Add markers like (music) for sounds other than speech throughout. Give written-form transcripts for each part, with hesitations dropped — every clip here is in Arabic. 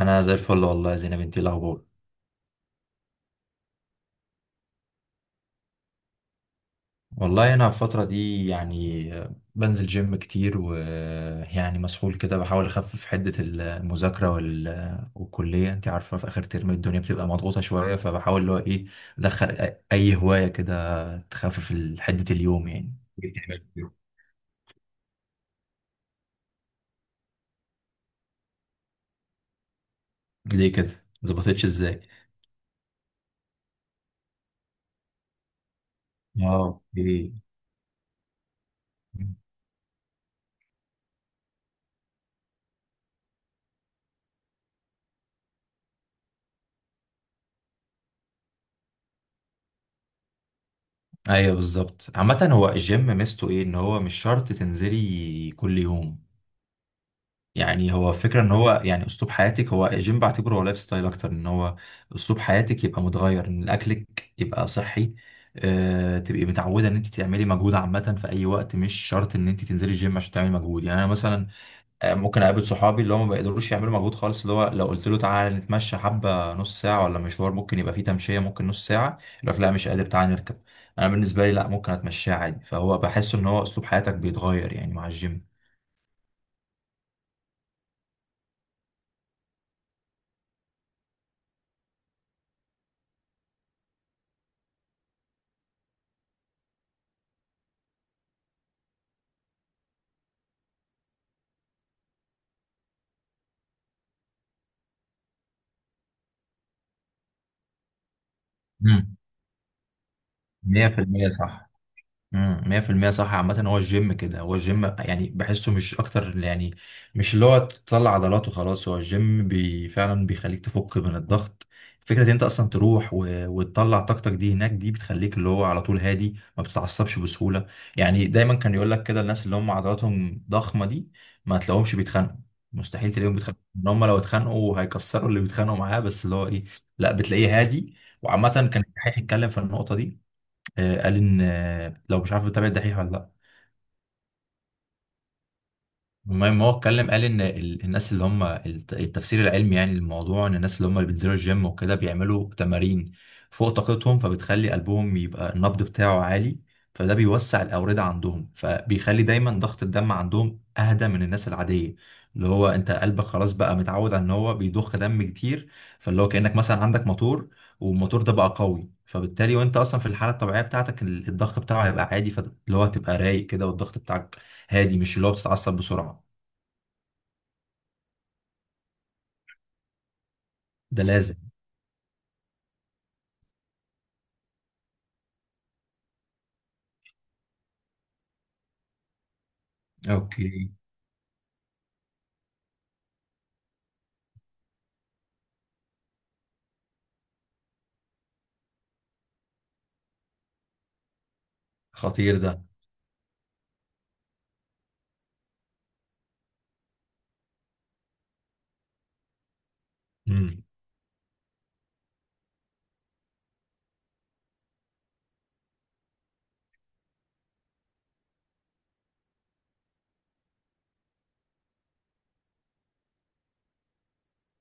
انا زي الفل والله يا زينب. انتي إيه الاخبار؟ والله انا في الفتره دي يعني بنزل جيم كتير، ويعني مسحول كده بحاول اخفف حده المذاكره والكليه. انتي عارفه في اخر ترم الدنيا بتبقى مضغوطه شويه، فبحاول اللي هو ايه ادخل اي هوايه كده تخفف حده اليوم يعني. إيه بتعمل في اليوم؟ ليه كده؟ مظبطتش ازاي؟ اه ليه؟ ايوه بالظبط. عامة هو الجيم ميزته ايه؟ ان هو مش شرط تنزلي كل يوم، يعني هو فكرة ان هو يعني اسلوب حياتك. هو الجيم بعتبره هو لايف ستايل اكتر، ان هو اسلوب حياتك، يبقى متغير ان اكلك يبقى صحي. أه تبقي متعودة ان انت تعملي مجهود عامة في اي وقت، مش شرط ان انت تنزلي الجيم عشان تعملي مجهود. يعني انا مثلا ممكن اقابل صحابي اللي هم ما بيقدروش يعملوا مجهود خالص، اللي هو لو قلت له تعالى نتمشى حبة نص ساعة ولا مشوار، ممكن يبقى فيه تمشية ممكن نص ساعة، يقول لك لا مش قادر تعالى نركب. انا بالنسبة لي لا، ممكن اتمشاه عادي. فهو بحس ان هو اسلوب حياتك بيتغير يعني مع الجيم. مم. 100% صح. 100% صح. عامة هو الجيم كده، هو الجيم يعني بحسه مش أكتر يعني، مش اللي هو تطلع عضلات وخلاص. هو الجيم بي فعلا بيخليك تفك من الضغط. فكرة إن أنت أصلا تروح وتطلع طاقتك دي هناك، دي بتخليك اللي هو على طول هادي، ما بتتعصبش بسهولة. يعني دايما كان يقول لك كده، الناس اللي هم عضلاتهم ضخمة دي ما تلاقوهمش بيتخانقوا. مستحيل تلاقيهم بيتخانقوا، إن هم لو اتخانقوا هيكسروا اللي بيتخانقوا معاه. بس اللي هو إيه، لا بتلاقيه هادي. وعامة كان الدحيح يتكلم في النقطة دي. قال ان لو مش عارف بتابع الدحيح ولا لا. المهم هو اتكلم قال ان الناس اللي هم التفسير العلمي يعني للموضوع، ان الناس اللي هم اللي بينزلوا الجيم وكده بيعملوا تمارين فوق طاقتهم، فبتخلي قلبهم يبقى النبض بتاعه عالي. فده بيوسع الاوردة عندهم، فبيخلي دايما ضغط الدم عندهم اهدى من الناس العادية. اللي هو انت قلبك خلاص بقى متعود على ان هو بيضخ دم كتير، فاللي هو كأنك مثلا عندك موتور، والموتور ده بقى قوي. فبالتالي وانت اصلا في الحالة الطبيعية بتاعتك الضغط بتاعه هيبقى عادي، فاللي هو هتبقى رايق كده. والضغط بتاعك هادي، مش اللي هو بتتعصب بسرعة. ده لازم. اوكي. خطير ده. امم.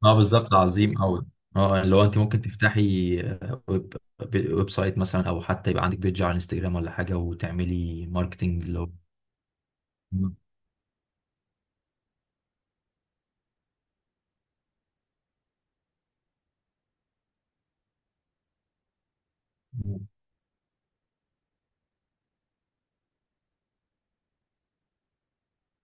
اه بالظبط، عظيم قوي. اه اللي هو انت ممكن تفتحي ويب، ويب سايت مثلا، او حتى يبقى عندك بيج على انستجرام ولا حاجه، وتعملي ماركتنج اللي هو. مم. مم.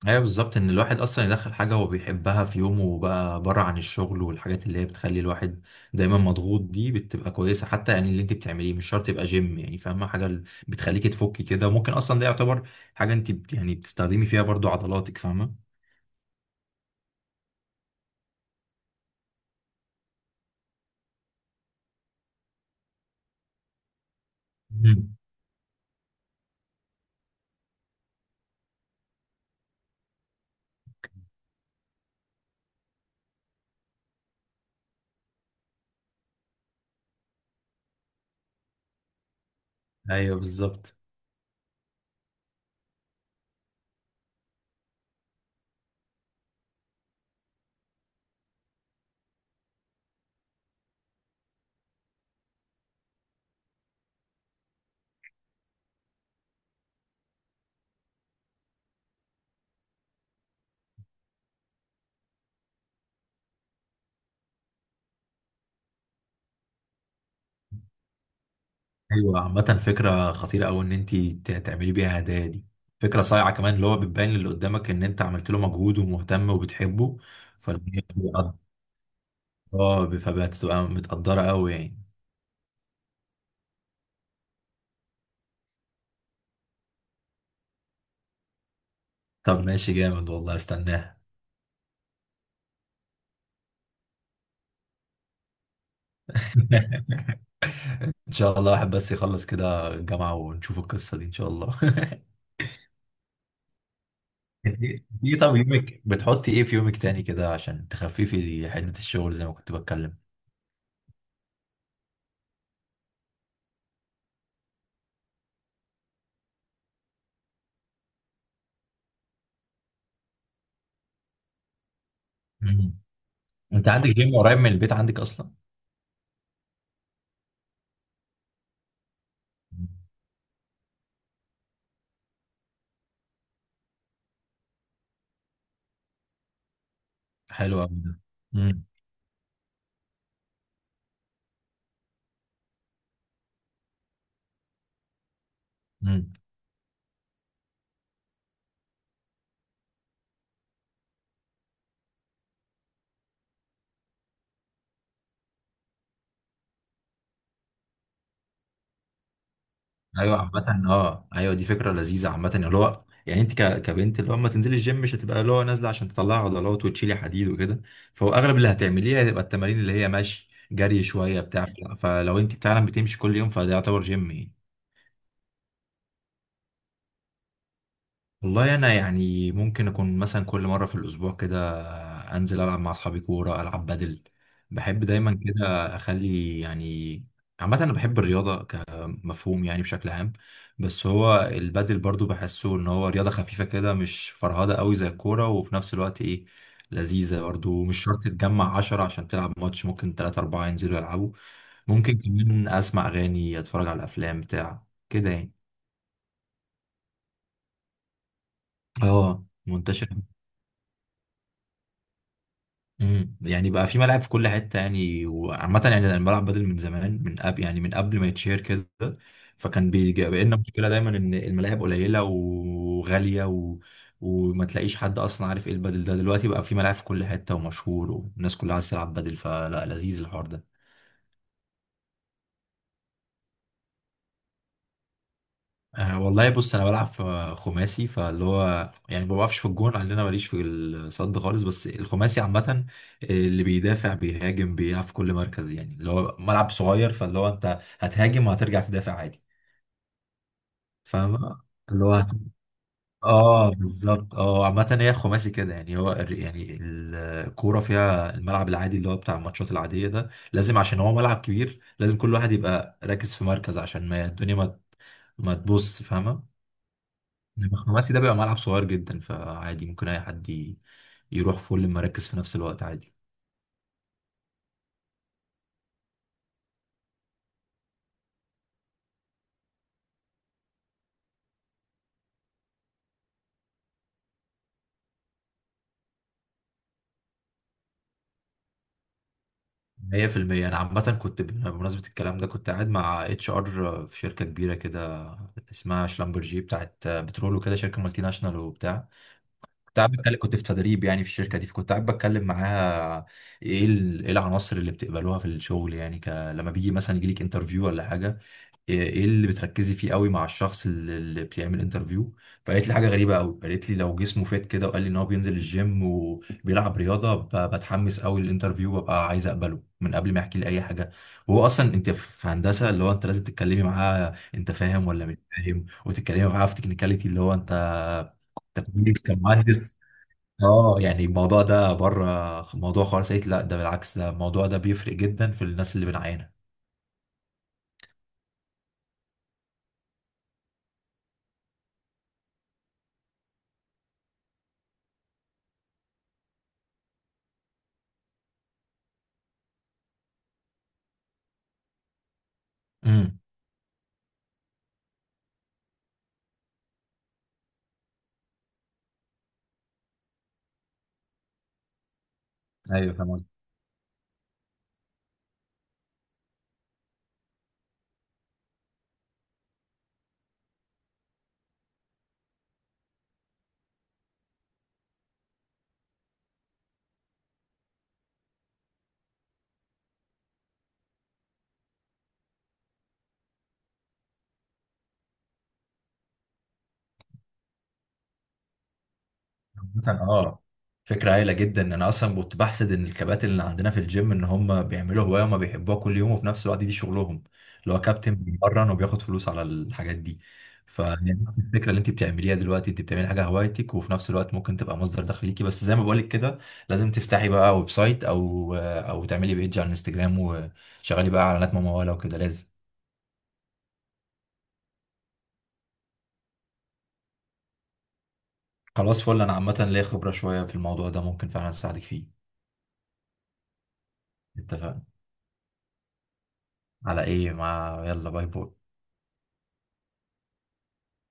ايوه بالظبط، ان الواحد اصلا يدخل حاجه هو بيحبها في يومه بقى بره عن الشغل، والحاجات اللي هي بتخلي الواحد دايما مضغوط دي بتبقى كويسه. حتى يعني اللي انت بتعمليه مش شرط يبقى جيم يعني، فاهمه؟ حاجه بتخليكي تفكي كده، وممكن اصلا ده يعتبر حاجه انت يعني بتستخدمي فيها برضو عضلاتك، فاهمه. مم. ايوه بالظبط. ايوه عامة، فكرة خطيرة أوي إن أنت تعملي بيها هدايا دي. فكرة صايعة كمان اللي هو بتبين للي قدامك إن أنت عملت له مجهود ومهتم وبتحبه. فالدنيا بتبقى، اه فبتبقى متقدرة أوي يعني. طب ماشي جامد والله، استناها. (laughs) إن شاء الله واحد بس يخلص كده الجامعة ونشوف القصة دي إن شاء الله. (laughs) أنت إيه؟ طب يومك، بتحطي إيه في يومك تاني كده عشان تخففي حدة الشغل زي ما كنت بتكلم؟ مم. أنت عندك جيم قريب من البيت، عندك أصلا؟ حلو قوي ده. امم. امم. ايوه عامة اه ايوه دي فكرة لذيذة. عامة اللي هو يعني انت كبنت اللي هو اما تنزلي الجيم مش هتبقى اللي هو نازلة عشان تطلعي عضلات وتشيلي حديد وكده. فهو اغلب اللي هتعمليه هتبقى التمارين اللي هي ماشي جري شوية بتاع. فلو انت فعلا بتمشي كل يوم فده يعتبر جيم يعني. والله انا يعني ممكن اكون مثلا كل مره في الاسبوع كده انزل العب مع اصحابي كوره، العب بدل. بحب دايما كده اخلي يعني، عامه انا بحب الرياضه كمفهوم يعني بشكل عام. بس هو البدل برضو بحسه ان هو رياضه خفيفه كده، مش فرهده قوي زي الكوره، وفي نفس الوقت ايه، لذيذه برضو، مش شرط تتجمع عشرة عشان تلعب ماتش، ممكن تلاتة أربعة ينزلوا يلعبوا. ممكن كمان اسمع اغاني، اتفرج على افلام بتاع كده يعني. اه منتشر. يعني بقى في ملاعب في كل حته يعني. وعامه يعني انا بلعب بدل من زمان، من قبل يعني، من قبل ما يتشهر كده. فكان بيجي بقى لنا مشكله دايما ان الملاعب قليله وغاليه وما تلاقيش حد اصلا عارف ايه البدل ده. دلوقتي بقى في ملاعب في كل حته ومشهور، والناس كلها عايزه تلعب بدل، فلا لذيذ الحوار ده. أه والله بص انا بلعب في خماسي، فاللي هو يعني ما بقفش في الجون لان انا ماليش في الصد خالص. بس الخماسي عامه اللي بيدافع بيهاجم، بيلعب في كل مركز يعني. اللي هو ملعب صغير، فاللي هو انت هتهاجم وهترجع تدافع عادي. فاهم؟ اللي هو اه بالظبط. اه عامه هي خماسي كده يعني. هو يعني الكوره فيها الملعب العادي اللي هو بتاع الماتشات العاديه ده لازم، عشان هو ملعب كبير، لازم كل واحد يبقى راكز في مركز، عشان ما الدنيا ما تبص، فاهمه. انما الخماسي ده بيبقى ملعب صغير جدا، فعادي ممكن اي حد يروح فول المراكز في نفس الوقت عادي. 100% انا عامه كنت بمناسبه الكلام ده كنت قاعد مع اتش ار في شركه كبيره كده، اسمها شلمبرجي بتاعت بترول وكده، شركه مالتي ناشونال وبتاع. كنت قاعد بتكلم، كنت في تدريب يعني في الشركه دي، فكنت قاعد بتكلم معاها، ايه ايه العناصر اللي بتقبلوها في الشغل يعني لما بيجي مثلا يجي لك انترفيو ولا حاجه، ايه إيه اللي بتركزي فيه قوي مع الشخص اللي بيعمل انترفيو. فقالت لي حاجه غريبه قوي. قالت لي لو جسمه فات كده وقال لي ان هو بينزل الجيم وبيلعب رياضه، بتحمس قوي للانترفيو وببقى عايز اقبله من قبل ما يحكي لي اي حاجه. وهو اصلا انت في هندسه اللي هو انت لازم تتكلمي معاه انت فاهم ولا مش فاهم، وتتكلمي معاه في تكنيكاليتي اللي هو انت، انت كويس كمهندس. اه يعني الموضوع ده بره موضوع خالص، قلت لا ده بالعكس، ده الموضوع ده بيفرق جدا في الناس اللي بنعينها. امم. ايوه فاهم. مثلا اه فكرة هايلة جدا. انا اصلا كنت بحسد ان الكباتن اللي عندنا في الجيم ان هم بيعملوا هواية وما بيحبوها كل يوم وفي نفس الوقت دي شغلهم، اللي هو كابتن بيمرن وبياخد فلوس على الحاجات دي. فالفكرة اللي انت بتعمليها دلوقتي انت بتعملي حاجة هوايتك وفي نفس الوقت ممكن تبقى مصدر دخل ليكي. بس زي ما بقولك كده لازم تفتحي بقى ويب سايت او تعملي بيج على الانستجرام وشغلي بقى اعلانات ممولة وكده لازم. خلاص فل، انا عامة ليا خبرة شوية في الموضوع ده ممكن فعلا اساعدك فيه. اتفقنا. على ايه؟ يلا باي باي.